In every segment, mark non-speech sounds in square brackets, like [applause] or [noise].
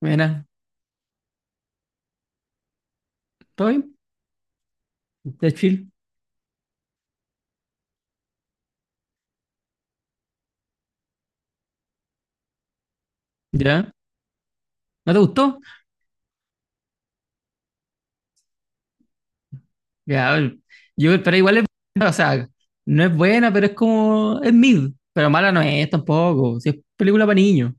Buena, ¿todo bien? Está chill, ¿ya? ¿No te gustó? Ya, yo, pero igual es, buena, o sea, no es buena, pero es como, es mid, pero mala no es tampoco, si es película para niños.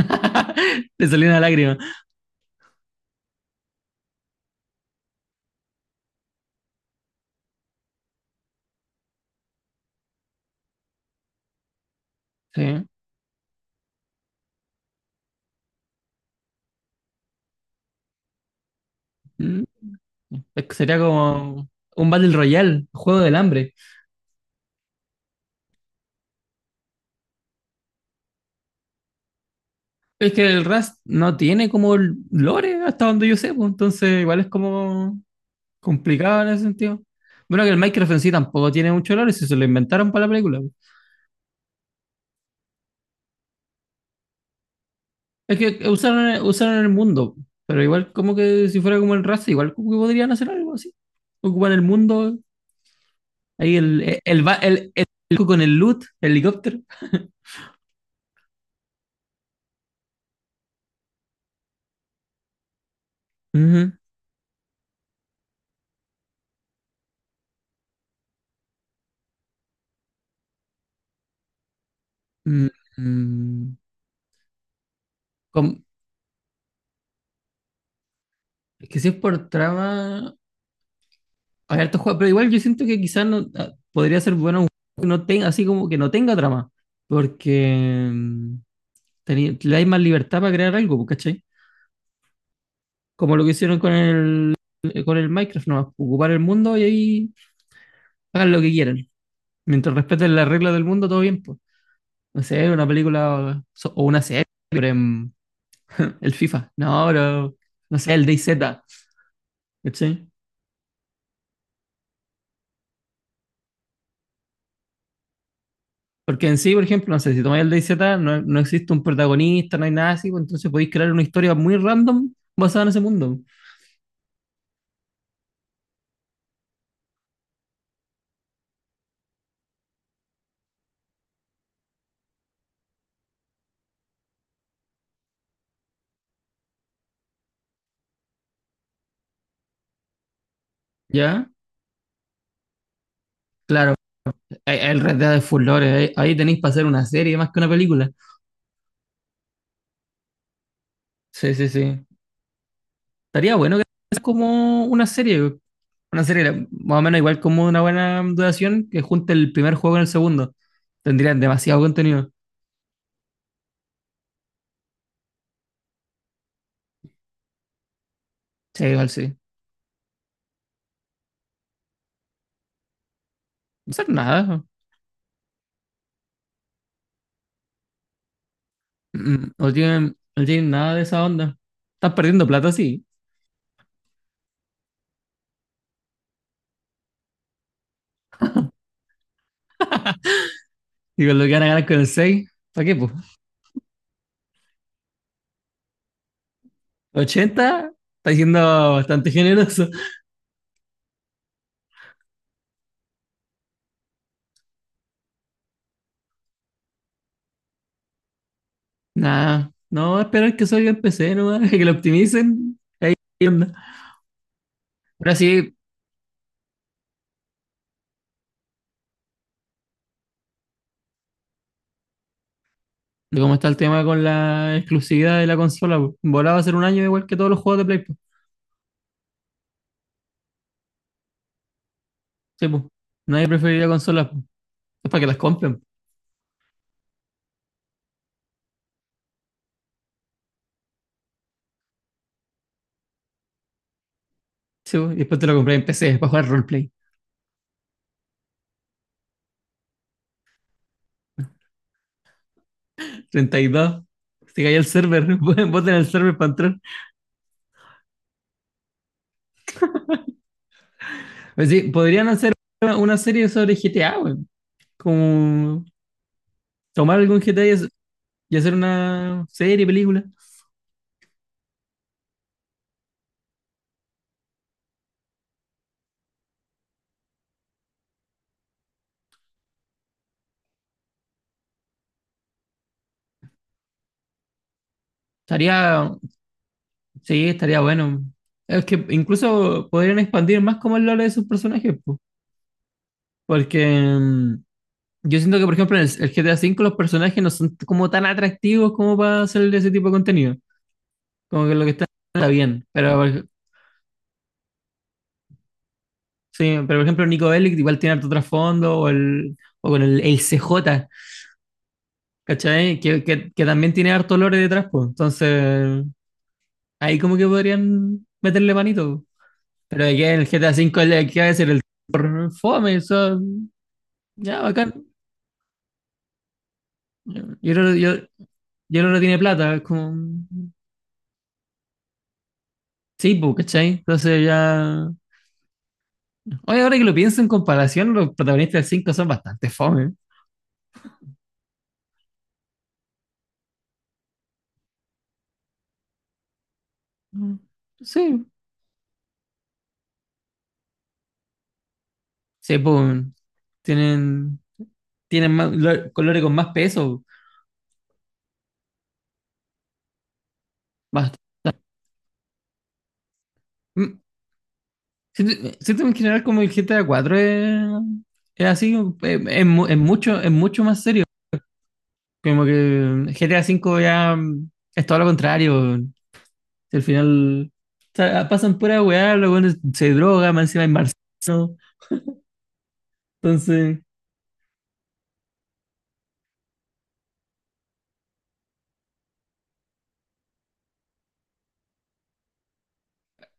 [laughs] Le salió una lágrima. Sí. Mm. Es que sería como un Battle Royale, juego del hambre. Es que el Rust no tiene como lore, hasta donde yo sé, pues, entonces igual es como complicado en ese sentido. Bueno, que el Minecraft en sí tampoco tiene mucho lore, si se lo inventaron para la película. Es que usaron, usaron el mundo, pero igual como que si fuera como el raza, igual como que podrían hacer algo así. Ocupan el mundo, ahí el con el loot, el helicóptero. Ujú. Mm, mm. Com- es que si es por trama, hay hartos juegos, pero igual yo siento que quizás no, ah, podría ser bueno un juego que no tenga, así como que no tenga trama, porque le hay más libertad para crear algo, pues, ¿cachai? Como lo que hicieron con el Minecraft, nomás, ocupar el mundo y ahí hagan lo que quieran. Mientras respeten las reglas del mundo, todo bien, pues. No sé, una película o una serie, sobre el FIFA. No, pero, no sé, el DayZ, ¿cachai? Porque en sí, por ejemplo, no sé, si tomáis el DayZ, no, no existe un protagonista, no hay nada así, pues entonces podéis crear una historia muy random basada en ese mundo. ¿Ya? Claro, hay el Red Dead de Fulores, ahí, ahí tenéis para hacer una serie más que una película. Sí, sí, sí. Estaría bueno que es como una serie, más o menos igual como una buena duración que junte el primer juego con el segundo. Tendrían demasiado contenido. Sí, igual sí. No hacer nada. No tienen nada de esa onda. Están perdiendo plata, sí. Y con lo que van a ganar con el seis, ¿para qué, pues? 80 está siendo bastante generoso. Nada, no esperar que salga en PC, nomás, [laughs] que lo optimicen. Ahí onda. Ahora sí, de cómo está el tema con la exclusividad de la consola, pues. Volaba a ser un año igual que todos los juegos de Play, pues. Sí, pues. Nadie preferiría consolas, pues. Es para que las compren. Sí, pues. Y después te lo compré en PC, para jugar roleplay. 32. Se cayó el server. [laughs] Voten el server para entrar. Pues sí, podrían hacer una, serie sobre GTA, güey. Como tomar algún GTA y hacer una serie, película. Estaría, sí, estaría bueno. Es que incluso podrían expandir más como el lore de sus personajes, po. Porque mm, yo siento que, por ejemplo, en el GTA V los personajes no son como tan atractivos como para hacer ese tipo de contenido. Como que lo que está bien. Pero sí, pero por ejemplo Nico Bellic igual tiene harto trasfondo, o, el, o con el CJ, ¿cachai? Que también tiene harto lore detrás, pues. Entonces, ahí como que podrían meterle manito, po. Pero de que el GTA V, ¿qué va a decir? El por fome, eso, ya, bacán. Yo creo yo no tiene plata, es como... Sí, pues, ¿cachai? Entonces ya... Oye, ahora que lo pienso en comparación, los protagonistas del cinco son bastante fome. Mm. Sí. Sí, pues, tienen tienen más, colores con más peso. Más, Mm, siento en general como el GTA 4 es, así, es mucho más serio. Como que GTA 5 ya es todo lo contrario. Al final, o sea, pasan pura weá, luego se droga, más encima hay marciano. Entonces,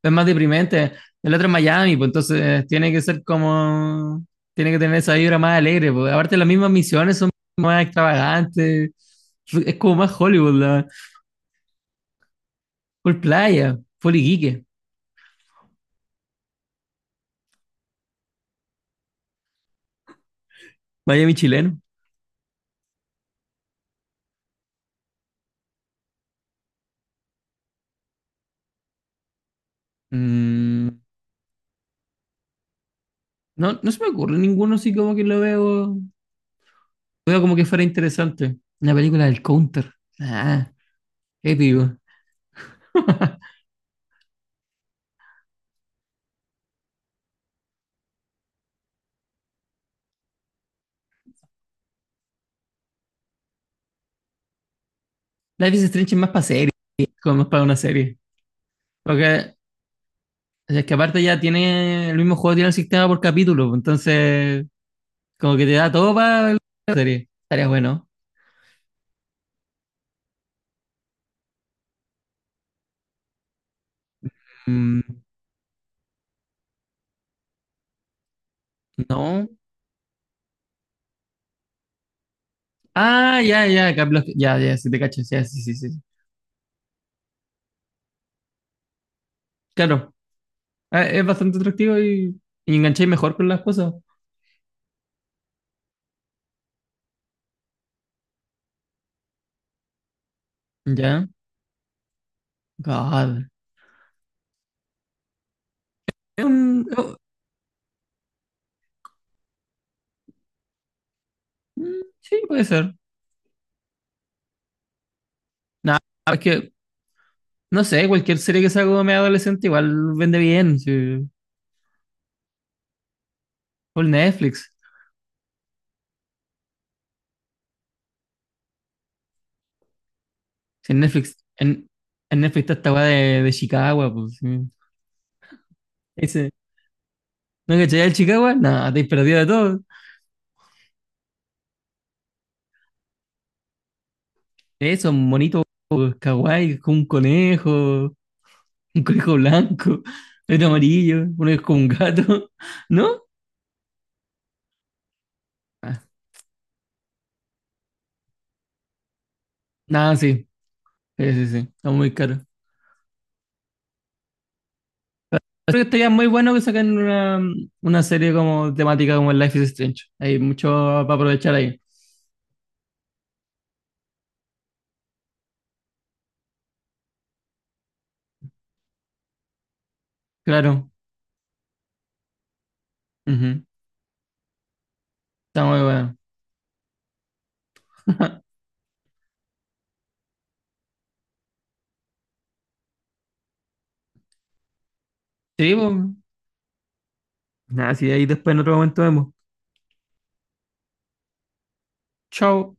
es más deprimente. El otro es Miami, pues entonces tiene que ser como, tiene que tener esa vibra más alegre, pues. Aparte las mismas misiones son más extravagantes, es como más Hollywood, la, full playa, full Iquique, Miami chileno. Mm, no, no se me ocurre ninguno así como que lo veo como que fuera interesante. Una película del Counter, ah, épico. [laughs] Life is Strange es más para serie, como más para una serie. Porque O sea, es que aparte ya tiene el mismo juego, tiene el sistema por capítulo, pues, entonces como que te da todo para la serie. Estaría bueno. Mm, no. Ah, ya, ya, ya, ya, si te cachas, ya, sí, sí, sí. Claro, ah, es bastante atractivo y engancháis mejor con las cosas. Ya, God. Es un- es- mm, sí, puede ser. Nah, es que, no sé, cualquier serie que salga medio adolescente igual vende bien. Sí. Por Netflix. Si en Netflix, en Netflix está esta weá de Chicago, pues sí. Ese, ¿no cachai el Chicago? Nada, te perdido de todo. Eso, un monito kawaii, con un conejo blanco, [laughs] otro amarillo, uno es como un gato, [laughs] ¿no? Ah, nada, sí, sí, sí, sí, está muy caro. Creo que estaría muy bueno que saquen una serie como temática como el Life is Strange. Hay mucho para aprovechar ahí. Claro, ujú, está muy bueno. [laughs] Sí, pues. Nada, sí, ahí después en otro momento vemos. Chao.